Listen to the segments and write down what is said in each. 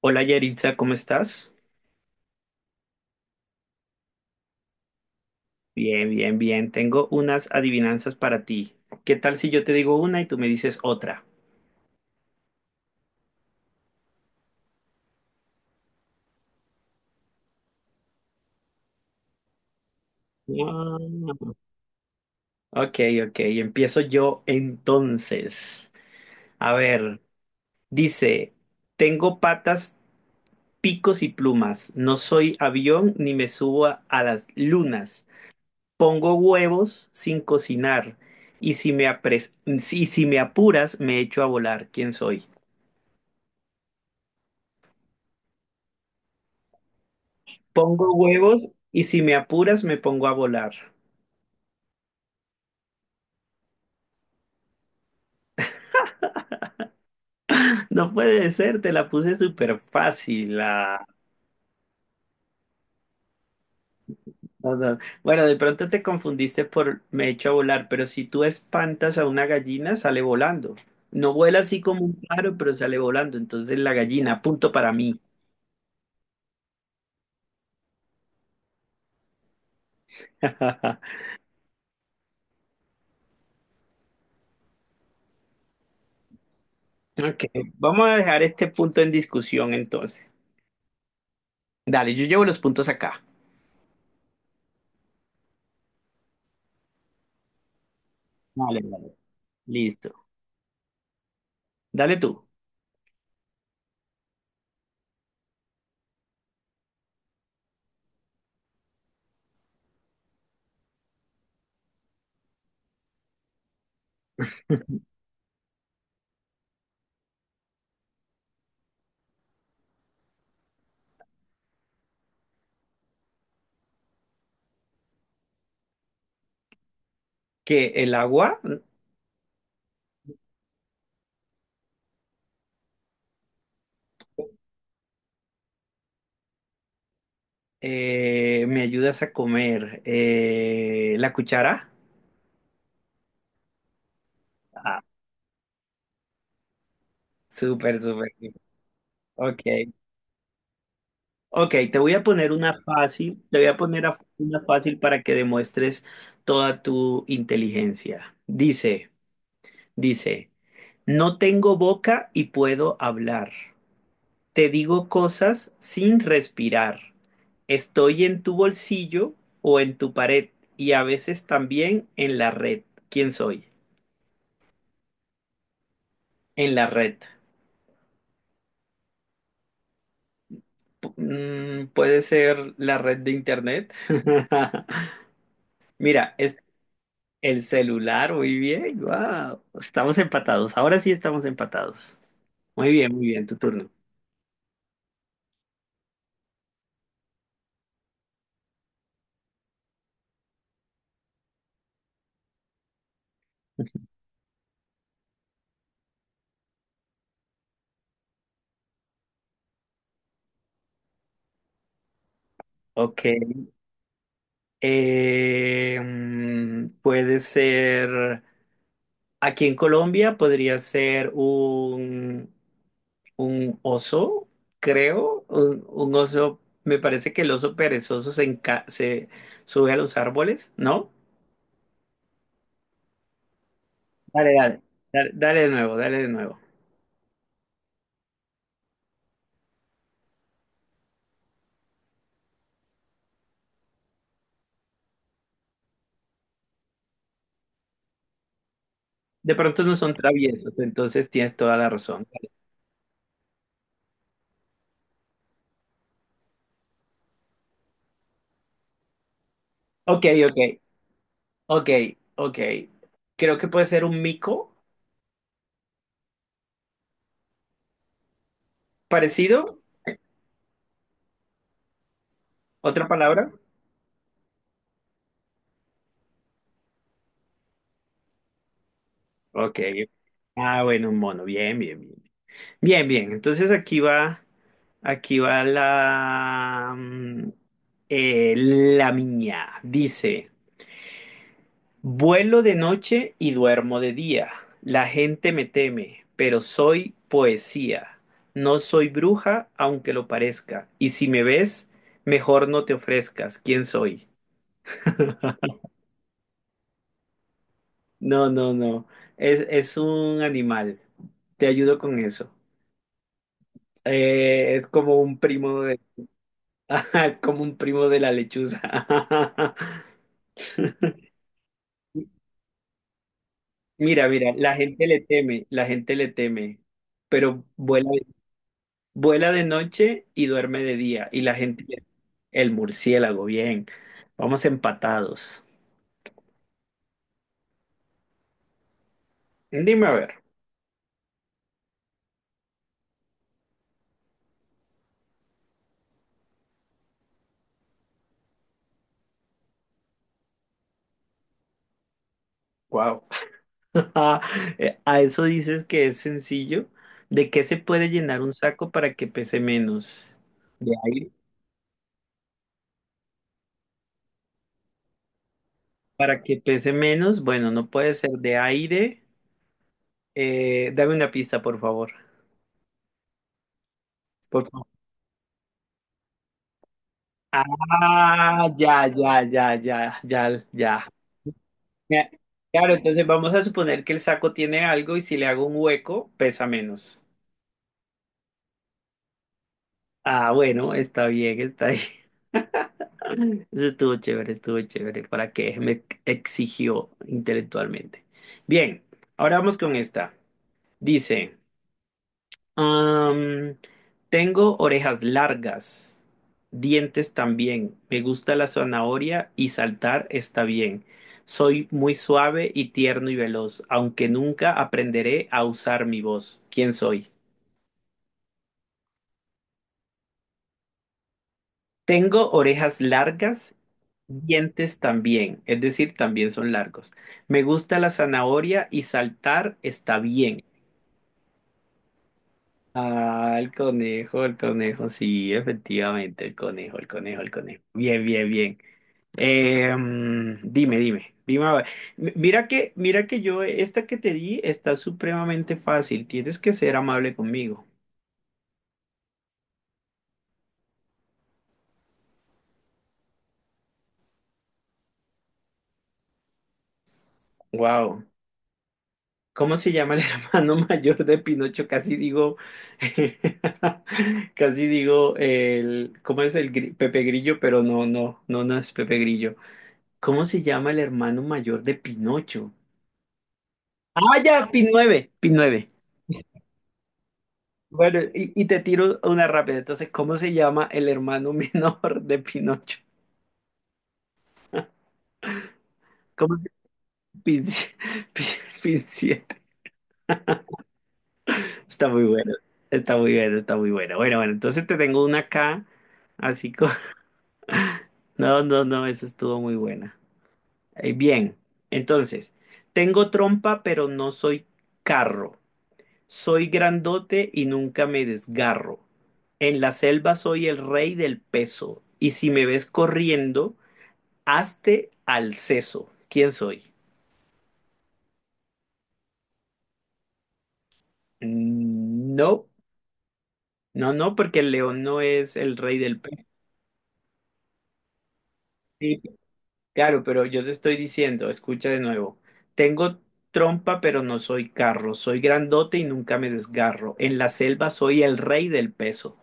Hola Yaritza, ¿cómo estás? Bien, bien, bien. Tengo unas adivinanzas para ti. ¿Qué tal si yo te digo una y tú me dices otra? Ah, ok, ok, empiezo yo entonces. A ver, dice, tengo patas, picos y plumas. No soy avión ni me subo a las lunas. Pongo huevos sin cocinar. Y y si me apuras, me echo a volar. ¿Quién soy? Pongo huevos y si me apuras me pongo a volar. No puede ser, te la puse súper fácil. Ah. No, no. Bueno, de pronto te confundiste por me echo a volar, pero si tú espantas a una gallina, sale volando. No vuela así como un pájaro, pero sale volando. Entonces la gallina, punto para mí. Ok, vamos a dejar este punto en discusión entonces. Dale, yo llevo los puntos acá. Vale, vale. Listo. Dale tú. Que el agua. ¿Me ayudas a comer? ¿La cuchara? Ah, súper, súper, súper. Ok. Ok, te voy a poner una fácil. Te voy a poner una fácil para que demuestres toda tu inteligencia. Dice, dice, no tengo boca y puedo hablar. Te digo cosas sin respirar. Estoy en tu bolsillo o en tu pared y a veces también en la red. ¿Quién soy? En la red. Puede ser la red de internet. Mira, es el celular, muy bien, wow. Estamos empatados, ahora sí estamos empatados. Muy bien, tu turno. Ok. Puede ser, aquí en Colombia podría ser un oso, creo, un oso, me parece que el oso perezoso se, se sube a los árboles, ¿no? Dale, dale, dale, dale de nuevo, dale de nuevo. De pronto no son traviesos, entonces tienes toda la razón. Ok, ok, ok, ok. Creo que puede ser un mico parecido, otra palabra. Ok. Ah, bueno, un mono, bien, bien, bien. Bien, bien, entonces aquí va la mía. Dice. Vuelo de noche y duermo de día. La gente me teme, pero soy poesía. No soy bruja, aunque lo parezca. Y si me ves, mejor no te ofrezcas. ¿Quién soy? No, no, no. Es un animal. Te ayudo con eso. Es como un primo de... Ajá, es como un primo de la lechuza. Mira, mira, la gente le teme, la gente le teme, pero vuela. Vuela de noche y duerme de día. Y la gente, el murciélago, bien. Vamos empatados. Dime a ver. Wow. A eso dices que es sencillo. ¿De qué se puede llenar un saco para que pese menos? De aire. Para que pese menos, bueno, no puede ser de aire. Dame una pista, por favor. Por favor. Ah, ya, ya, ya, ya, ya, ya. Ya, claro, entonces vamos a suponer que el saco tiene algo y si le hago un hueco, pesa menos. Ah, bueno, está bien, está bien. Eso estuvo chévere, estuvo chévere. ¿Para qué? Me exigió intelectualmente. Bien, ahora vamos con esta. Dice. Am, tengo orejas largas, dientes también. Me gusta la zanahoria y saltar está bien. Soy muy suave y tierno y veloz, aunque nunca aprenderé a usar mi voz. ¿Quién soy? Tengo orejas largas, dientes también, es decir, también son largos. Me gusta la zanahoria y saltar está bien. Ah, el conejo, sí, efectivamente, el conejo, el conejo, el conejo. Bien, bien, bien. Dime, dime, dime, a ver. Mira que yo, esta que te di está supremamente fácil. Tienes que ser amable conmigo. Wow. ¿Cómo se llama el hermano mayor de Pinocho? Casi digo, casi digo ¿cómo es el Pepe Grillo? Pero no, no, no, no es Pepe Grillo. ¿Cómo se llama el hermano mayor de Pinocho? Ah, ya, Pin 9, Pin 9. Bueno, y te tiro una rápida. Entonces, ¿cómo se llama el hermano menor de Pinocho? ¿Cómo se pinci- pincita? Está muy bueno, está muy bueno, está muy bueno. Bueno, bueno, entonces te tengo una acá, así como... No, no, no, esa estuvo muy buena. Bien, entonces, tengo trompa, pero no soy carro. Soy grandote y nunca me desgarro. En la selva soy el rey del peso. Y si me ves corriendo, hazte al seso. ¿Quién soy? No. No, no, porque el león no es el rey del pez. Sí, claro, pero yo te estoy diciendo, escucha de nuevo. Tengo trompa, pero no soy carro. Soy grandote y nunca me desgarro. En la selva soy el rey del peso.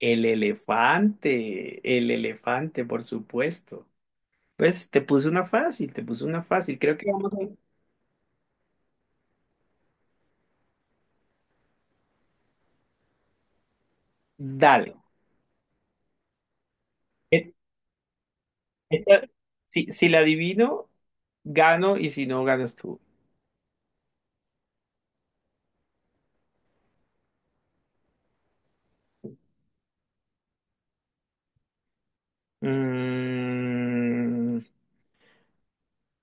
El elefante, por supuesto. Pues te puse una fácil, te puse una fácil. Creo que vamos a... Dale. E- esta- si, si la adivino, gano y si no, ganas tú. Mm.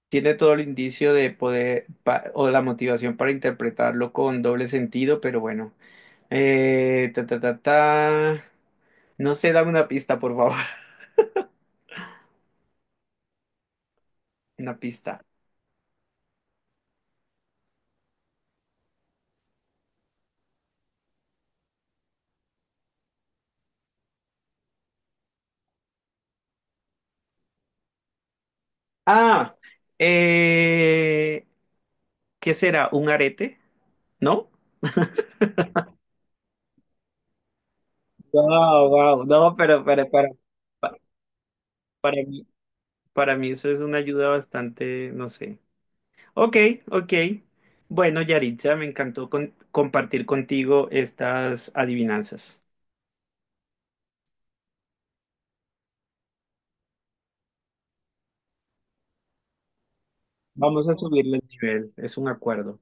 Tiene todo el indicio de poder o la motivación para interpretarlo con doble sentido, pero bueno. Ta, ta, ta, ta. No sé, dame una pista, por favor. Una pista. Ah, eh, ¿qué será? ¿Un arete? ¿No? Wow, wow. No, pero para, pa- para mí, para mí eso es una ayuda bastante, no sé. Ok, ok. Bueno, Yaritza, me encantó compartir contigo estas adivinanzas. Vamos a subirle el nivel, es un acuerdo.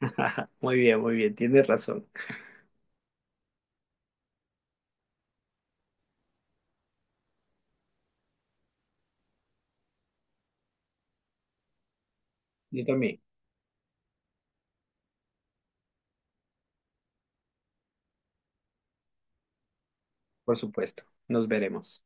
Muy bien, tienes razón. Yo también, por supuesto. Nos veremos.